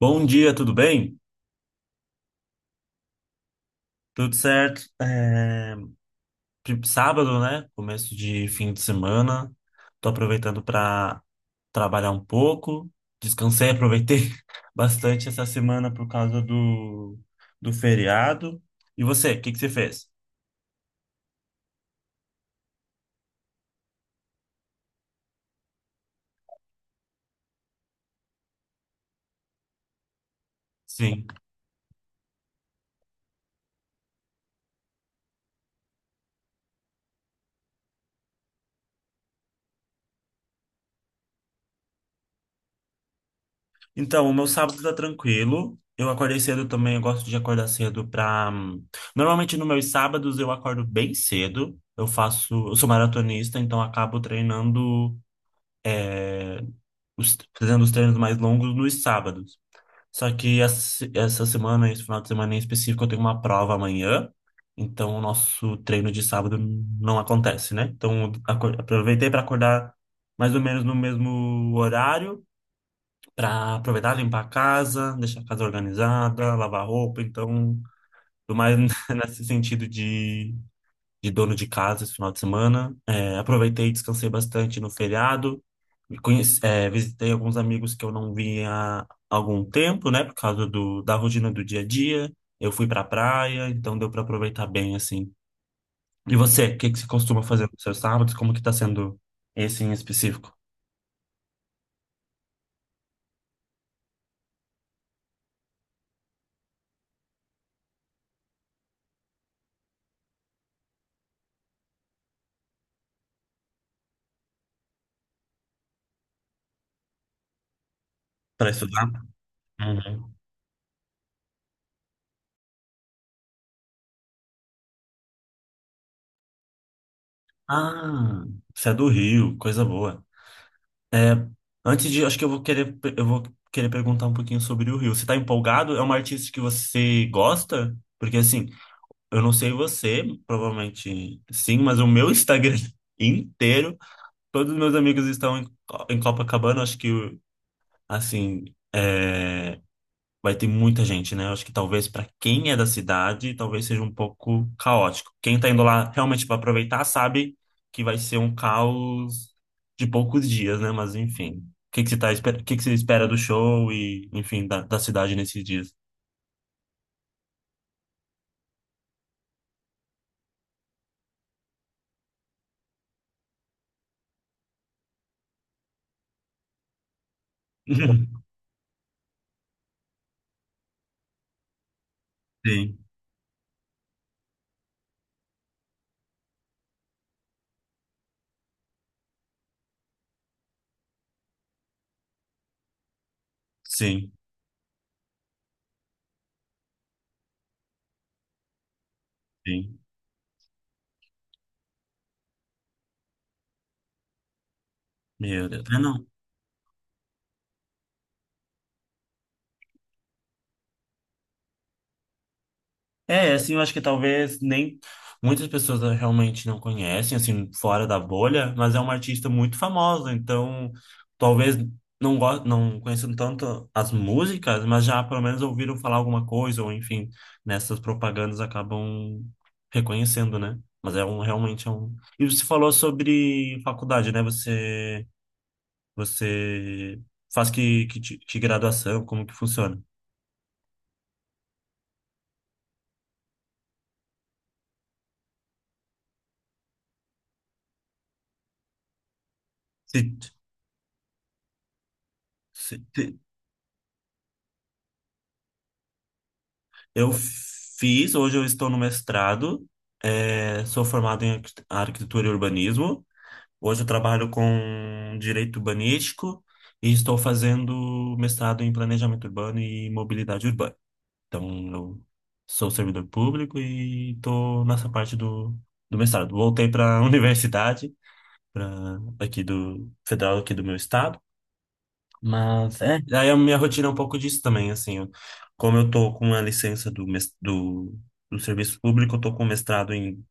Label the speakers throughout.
Speaker 1: Bom dia, tudo bem? Tudo certo? Sábado, né? Começo de fim de semana. Tô aproveitando para trabalhar um pouco. Descansei, aproveitei bastante essa semana por causa do feriado. E você, o que que você fez? Sim. Então, o meu sábado tá tranquilo. Eu acordei cedo também, eu gosto de acordar cedo pra. Normalmente nos meus sábados eu acordo bem cedo. Eu sou maratonista, então acabo treinando fazendo os treinos mais longos nos sábados. Só que essa semana, esse final de semana em específico, eu tenho uma prova amanhã, então o nosso treino de sábado não acontece, né? Então aproveitei para acordar mais ou menos no mesmo horário, para aproveitar, limpar a casa, deixar a casa organizada, lavar roupa, então, tô mais nesse sentido de dono de casa esse final de semana. É, aproveitei e descansei bastante no feriado. Me Conheci, é, visitei alguns amigos que eu não via há algum tempo, né? Por causa da rotina do dia a dia. Eu fui pra praia, então deu para aproveitar bem, assim. E você, o que que você costuma fazer nos seus sábados? Como que tá sendo esse em específico? Para estudar? Uhum. Ah, você é do Rio, coisa boa. É, acho que eu vou querer perguntar um pouquinho sobre o Rio. Você tá empolgado? É uma artista que você gosta? Porque assim, eu não sei você, provavelmente sim, mas o meu Instagram inteiro, todos os meus amigos estão em Copacabana. Acho que assim, é, vai ter muita gente, né? Eu acho que talvez para quem é da cidade, talvez seja um pouco caótico. Quem tá indo lá realmente para aproveitar sabe que vai ser um caos de poucos dias, né? Mas enfim. O que que você tá, o que que você espera do show e, enfim, da cidade nesses dias? Sim, sim, sim. Meu Deus. Ah, não. É, assim, eu acho que talvez nem muitas pessoas realmente não conhecem, assim, fora da bolha, mas é uma artista muito famosa, então talvez não conheçam tanto as músicas, mas já pelo menos ouviram falar alguma coisa, ou enfim, nessas propagandas acabam reconhecendo, né? Mas é um, realmente é um... E você falou sobre faculdade, né? Você, você faz que graduação, como que funciona? Se, se, Eu fiz, hoje eu estou no mestrado, eh, sou formado em arquitetura e urbanismo. Hoje eu trabalho com direito urbanístico e estou fazendo mestrado em planejamento urbano e mobilidade urbana. Então, eu sou servidor público e estou nessa parte do mestrado. Voltei para a universidade, pra, aqui do federal, aqui do meu estado mas é, aí a minha rotina é um pouco disso também, assim, como eu tô com a licença do do serviço público, eu tô com mestrado em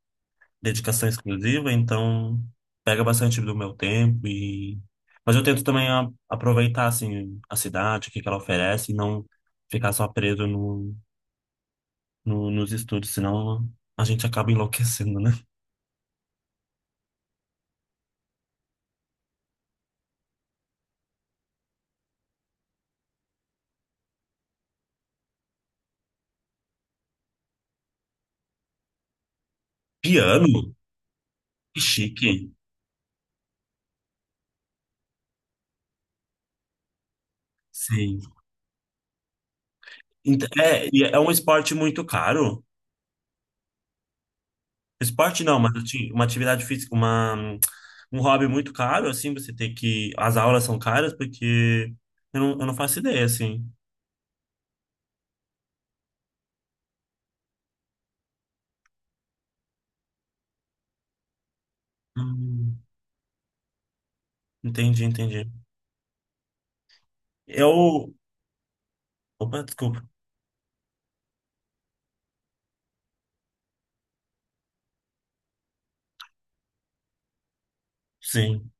Speaker 1: dedicação exclusiva, então pega bastante do meu tempo e mas eu tento também aproveitar assim a cidade, o que que ela oferece e não ficar só preso nos estudos, senão a gente acaba enlouquecendo, né? Piano? Que chique. Sim. É, e é um esporte muito caro. Esporte não, mas assim, uma atividade física, uma, um hobby muito caro, assim, você tem que. As aulas são caras, porque eu não faço ideia, assim. Hum, entendi, entendi. Eu. Opa, desculpa. Sim,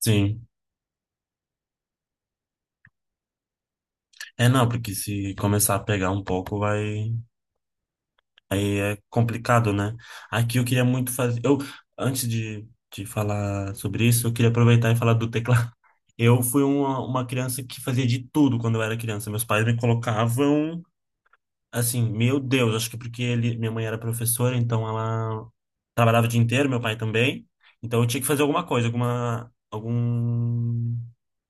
Speaker 1: sim. É não, porque se começar a pegar um pouco, vai. Aí é complicado, né? Aqui eu queria muito fazer. Antes de, de falar sobre isso, eu queria aproveitar e falar do teclado. Eu fui uma criança que fazia de tudo quando eu era criança. Meus pais me colocavam. Assim, meu Deus, acho que porque ele, minha mãe era professora, então ela trabalhava o dia inteiro, meu pai também. Então eu tinha que fazer alguma coisa,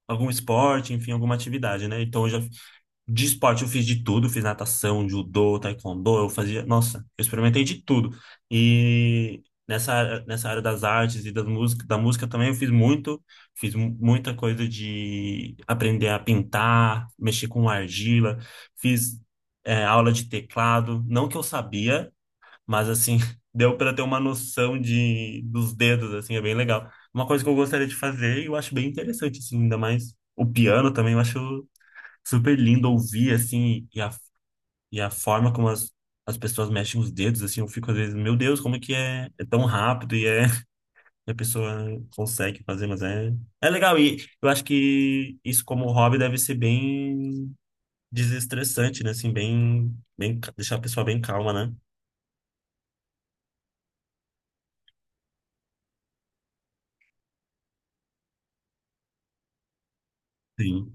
Speaker 1: algum esporte, enfim, alguma atividade, né? Então eu já de esporte eu fiz de tudo, fiz natação, judô, taekwondo, eu fazia, nossa, eu experimentei de tudo. E nessa, nessa área das artes e das música, da música também eu fiz muito, fiz muita coisa de aprender a pintar, mexer com argila, fiz é, aula de teclado, não que eu sabia, mas assim, deu para ter uma noção de dos dedos, assim, é bem legal. Uma coisa que eu gostaria de fazer e eu acho bem interessante, assim, ainda mais o piano também, eu acho super lindo ouvir, assim, e a forma como as pessoas mexem os dedos, assim, eu fico às vezes, meu Deus, como é que é, é tão rápido e é, e a pessoa consegue fazer, mas é, é legal. E eu acho que isso como hobby deve ser bem desestressante, né, assim, deixar a pessoa bem calma, né? Sim,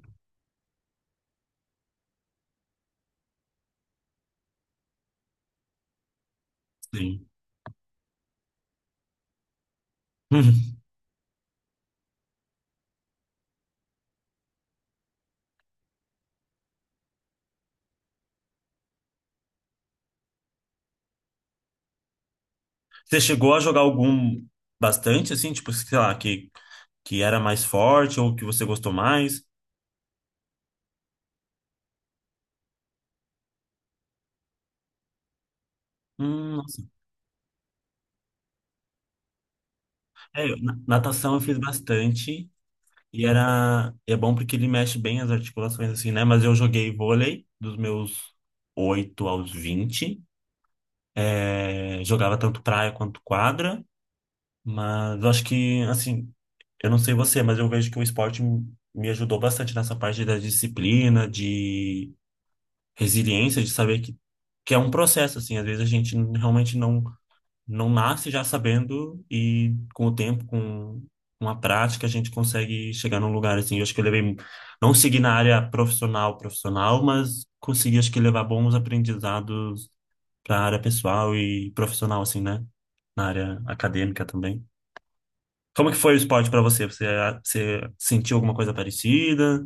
Speaker 1: sim. Você chegou a jogar algum bastante, assim, tipo, sei lá, que era mais forte ou que você gostou mais? Nossa. É, natação eu fiz bastante. E era, é bom porque ele mexe bem as articulações, assim, né? Mas eu joguei vôlei dos meus 8 aos 20. É, jogava tanto praia quanto quadra. Mas eu acho que, assim, eu não sei você, mas eu vejo que o esporte me ajudou bastante nessa parte da disciplina, de resiliência, de saber que é um processo, assim. Às vezes a gente realmente não nasce já sabendo e com o tempo, com uma prática, a gente consegue chegar num lugar assim. Eu acho que eu levei, não segui na área profissional, mas consegui, acho que levar bons aprendizados para a área pessoal e profissional, assim, né? Na área acadêmica também. Como que foi o esporte para você? Você, ah, você sentiu alguma coisa parecida?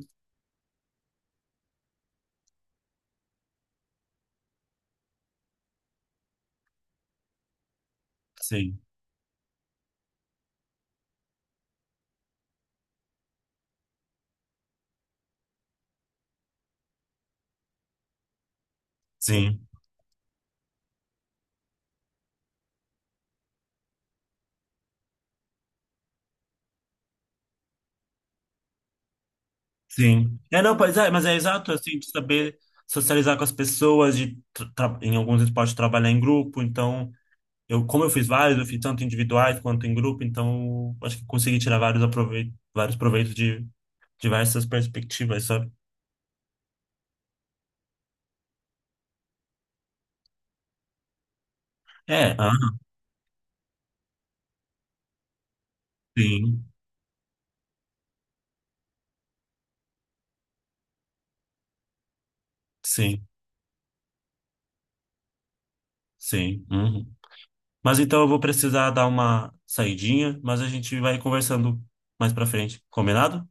Speaker 1: Sim, sim, sim. É, não, pois é, mas é exato, assim, de saber socializar com as pessoas, de em alguns esportes trabalhar em grupo, então eu, como eu fiz vários, eu fiz tanto individuais quanto em grupo, então acho que consegui tirar vários aproveitos, vários proveitos de diversas perspectivas, sabe? É, ah, sim, sim, sim. Uhum. Mas então eu vou precisar dar uma saidinha, mas a gente vai conversando mais pra frente, combinado?